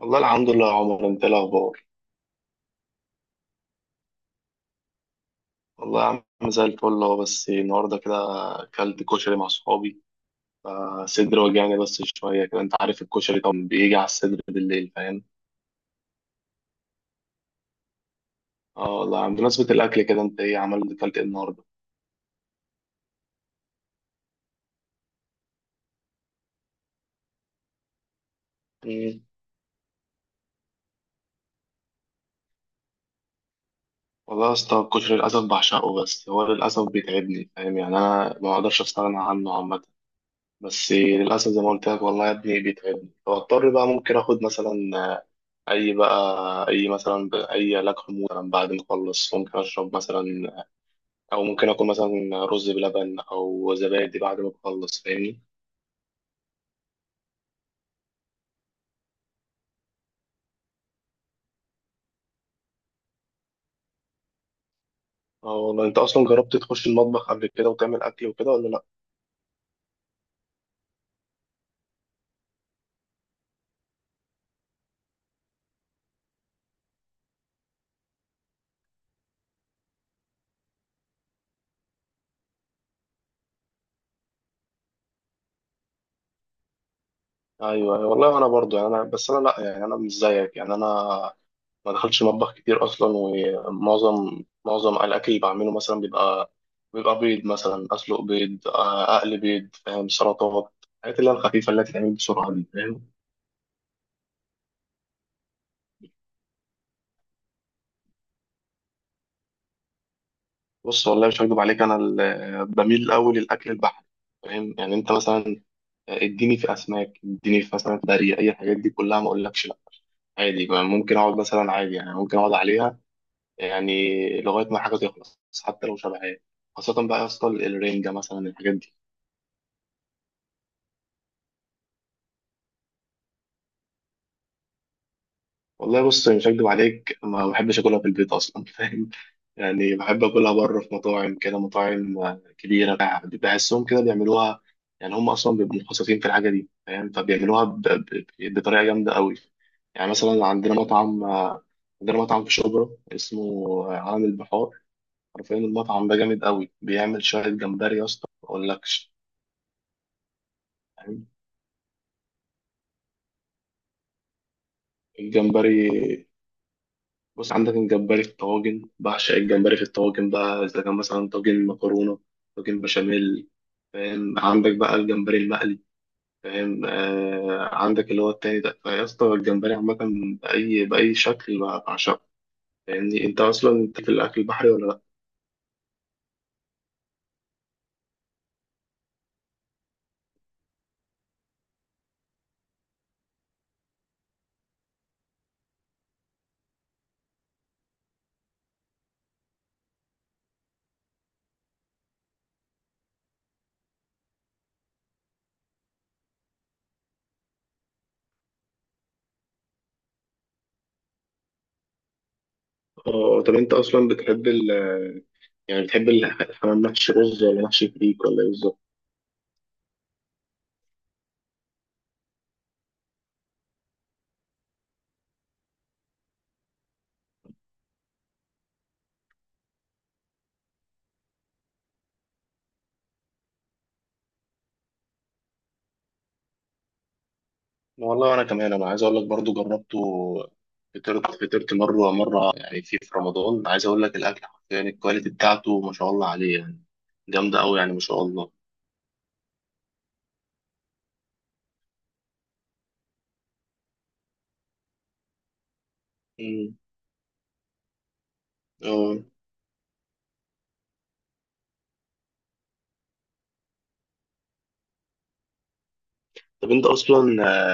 والله الحمد لله يا عمر، انت ايه الاخبار؟ والله يا عم زي الفل اهو، بس النهارده كده اكلت كشري مع صحابي. فصدري وجعني بس شويه كده، انت عارف الكشري طبعا بيجي على الصدر بالليل، فاهم؟ اه والله يا عم، بمناسبه الاكل كده انت ايه اكلت ايه النهارده؟ مم. والله يا اسطى، الكشري للاسف بعشقه، بس هو للاسف بيتعبني، فاهم يعني، انا ما اقدرش استغنى عنه عامه. بس للاسف زي ما قلت لك، والله يا ابني بيتعبني، فاضطر بقى ممكن اخد مثلا اي بقى اي مثلا ب- اي علاج حموضه مثلا، بعد ما اخلص ممكن اشرب مثلا، او ممكن اكل مثلا رز بلبن او زبادي بعد ما اخلص، فاهمني؟ اه والله، انت اصلا جربت تخش المطبخ قبل كده وتعمل اكل وكده ولا لا؟ ايوه، أيوة. والله انا برضو، يعني انا بس انا، لا يعني انا مش زيك، يعني انا ما دخلتش مطبخ كتير اصلا، ومعظم الاكل اللي بعمله مثلا بيبقى، بيض مثلا، اسلق بيض، اقلي بيض، فاهم؟ سلطات، الحاجات اللي هي الخفيفه اللي هتتعمل بسرعه دي، فاهم؟ بص والله مش هكدب عليك، انا بميل الاول للاكل البحري، فاهم؟ يعني انت مثلا اديني في اسماك، اديني في مثلا بري، اي الحاجات دي كلها ما اقولكش لا. عادي بقى، ممكن اقعد مثلا عادي، يعني ممكن اقعد عليها، يعني لغايه ما حاجه تخلص، حتى لو شبعان. خاصه بقى يا اسطى، الرنجه مثلا الحاجات دي. والله بص مش هكدب عليك، ما بحبش اكلها في البيت اصلا. فاهم؟ يعني بحب اكلها بره في مطاعم كبيره، بحسهم كده بيعملوها، يعني هم اصلا بيبقوا متخصصين في الحاجه دي، فاهم؟ فبيعملوها بطريقه جامده قوي. يعني مثلا عندنا مطعم في شبرا اسمه عالم البحار. عارفين المطعم ده جامد قوي، بيعمل شويه جمبري يا اسطى ما اقولكش. فاهم؟ الجمبري، بص عندك الجمبري في الطواجن، بعشق الجمبري في الطواجن بقى إذا كان مثلا طاجن مكرونة، طاجن بشاميل، فاهم؟ عندك بقى الجمبري المقلي، فاهم؟ عندك اللي هو التاني ده فيا اسطى، الجمبري عامة بأي شكل بقى بعشقه، فاهمني؟ أنت أصلا أنت في الأكل البحري ولا لأ؟ طب أنت أصلا، بتحب ال يعني الحمام محشي رز ولا محشي فريك ولا إيه بالظبط؟ والله انا كمان انا عايز اقول لك برضو جربته، فطرت مره مره، يعني في رمضان، عايز اقول لك الاكل، يعني الكواليتي بتاعته ما شاء الله عليه، يعني جامده قوي يعني، ما شاء الله. امم. اه طب انت اصلا،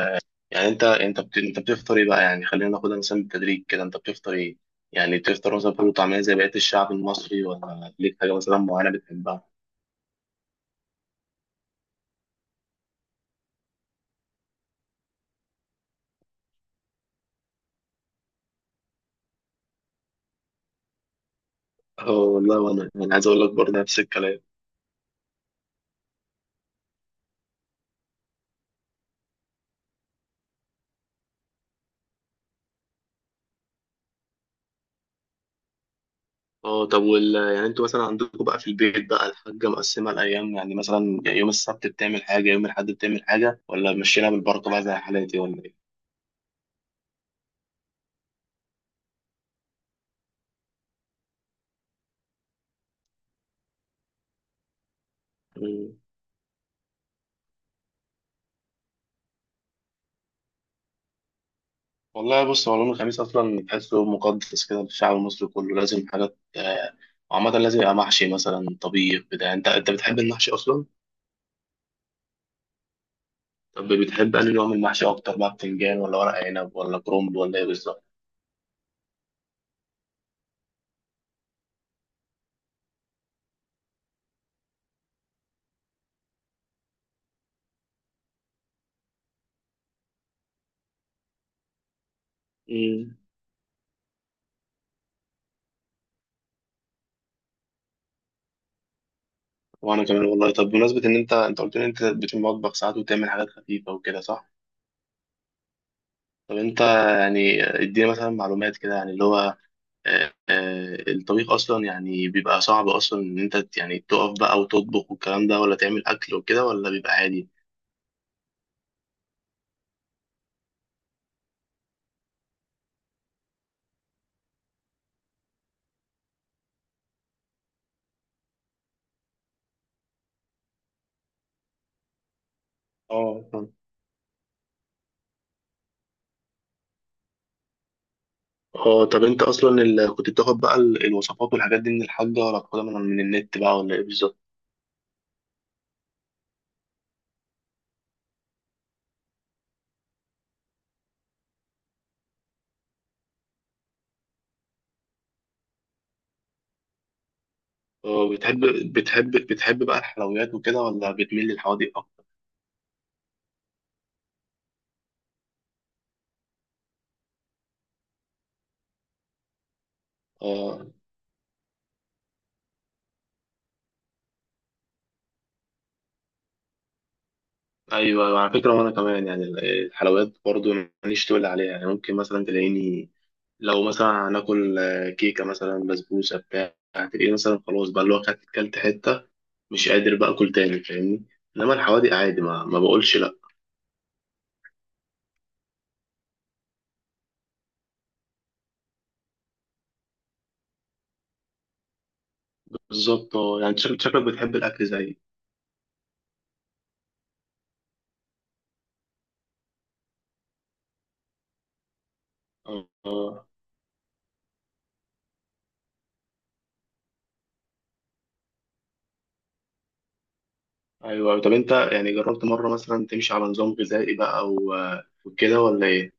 يعني انت بتفطر ايه بقى، يعني خلينا ناخدها مثلا بالتدريج كده، انت بتفطر ايه، يعني بتفطر مثلا فول وطعميه زي بقيه الشعب المصري، ولا ليك حاجه مثلا معينه بتحبها؟ اه والله، وانا عايز اقول لك برضه نفس الكلام. اه طب يعني انتوا مثلا عندكم بقى في البيت بقى، الحاجة مقسمة الأيام، يعني مثلا يوم السبت بتعمل حاجة، يوم الأحد بتعمل حاجة، ولا مشينا بالبركة بقى زي حالاتي ولا إيه؟ مم. والله بص، هو يوم الخميس أصلا تحسه يوم مقدس كده للشعب المصري كله، لازم حاجات، وعامة لازم يبقى محشي مثلا، طبيخ بتاع. أنت بتحب المحشي أصلا؟ طب بتحب أنهي نوع من المحشي أكتر بقى، بتنجان ولا ورق عنب ولا كرنب ولا إيه بالظبط؟ مم. وأنا كمان، والله طب بمناسبة إن أنت قلت لي أنت بتمطبخ ساعات، وتعمل حاجات خفيفة وكده، صح؟ طب انت، يعني ادينا مثلا معلومات كده يعني، اللي هو الطبيخ اصلا يعني بيبقى صعب اصلا ان انت يعني تقف بقى وتطبخ والكلام ده، ولا تعمل اكل وكده، ولا بيبقى عادي؟ اه. اه طب انت اصلا، كنت بتاخد بقى الوصفات والحاجات دي من الحاجة، ولا بتاخدها من النت بقى، ولا ايه بالظبط؟ اه، بتحب بقى الحلويات وكده، ولا بتميل للحوادق اكتر؟ اه، ايوه، ايوه، على فكرة، وانا كمان يعني الحلويات برضو ماليش تقول عليها، يعني ممكن مثلا تلاقيني، لو مثلا هناكل كيكة مثلا، بسبوسة بتاع، هتلاقيه مثلا خلاص بقى، اللي هو كلت حتة، مش قادر بقى أكل تاني، فاهمني؟ إنما الحوادق عادي، ما بقولش لأ. بالظبط، اه يعني، شكلك بتحب الأكل زيي. اه، آه. أيوه. طب أنت يعني، جربت مرة مثلا تمشي على نظام غذائي بقى وكده، ولا إيه؟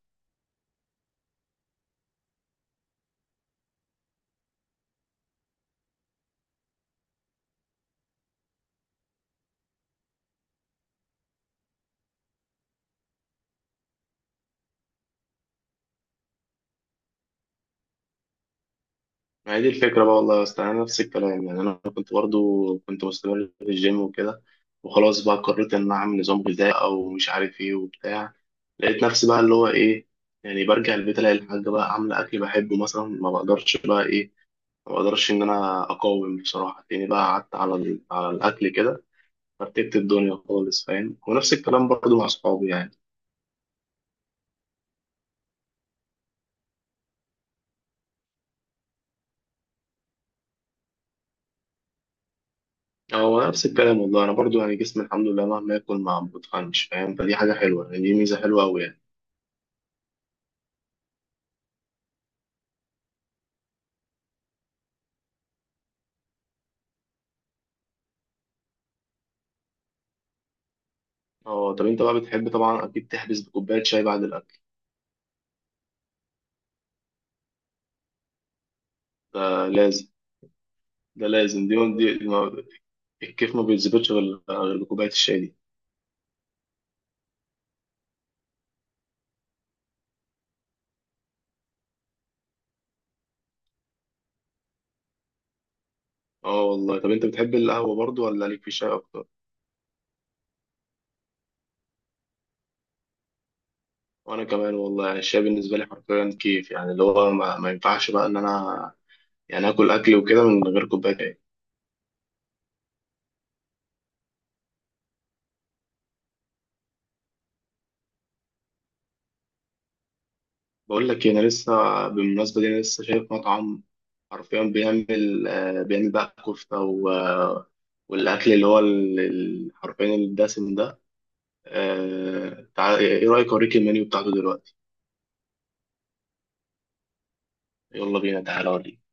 ما هي دي الفكرة بقى، والله يا اسطى أنا نفس الكلام، يعني أنا كنت برضو كنت مستمر في الجيم وكده، وخلاص بقى قررت إن أنا أعمل نظام غذائي، أو مش عارف إيه وبتاع، لقيت نفسي بقى اللي هو إيه، يعني برجع البيت ألاقي الحاجة بقى عاملة أكل بحبه، مثلا ما بقدرش بقى إيه، ما بقدرش إن أنا أقاوم، بصراحة تاني بقى قعدت على الأكل كده، فرتبت الدنيا خالص، فاهم؟ ونفس الكلام برضو مع أصحابي يعني. هو نفس الكلام والله، أنا برضو يعني، جسمي الحمد لله مهما آكل ما بتخنش، فاهم؟ فدي حاجة حلوة يعني، دي ميزة حلوة أوي يعني. اه، طب انت بقى بتحب طبعا اكيد تحبس بكوبايه شاي بعد الاكل. ده لازم، ده لازم، دي دي دي ما- الكيف ما بيتظبطش غير بكوبايه الشاي دي. اه والله، طب انت بتحب القهوه برضو ولا ليك في الشاي اكتر؟ وانا كمان والله، يعني الشاي بالنسبه لي حرفيا كيف، يعني اللي هو ما ينفعش بقى ان انا يعني اكل اكل وكده من غير كوبايه شاي. بقول لك إيه، انا لسه، بالمناسبه دي، انا لسه شايف مطعم، حرفيا بيعمل بقى كفته والاكل اللي هو حرفيا الدسم ده. تعال، ايه رأيك اوريك المنيو بتاعته دلوقتي؟ يلا بينا، تعالى اوريك.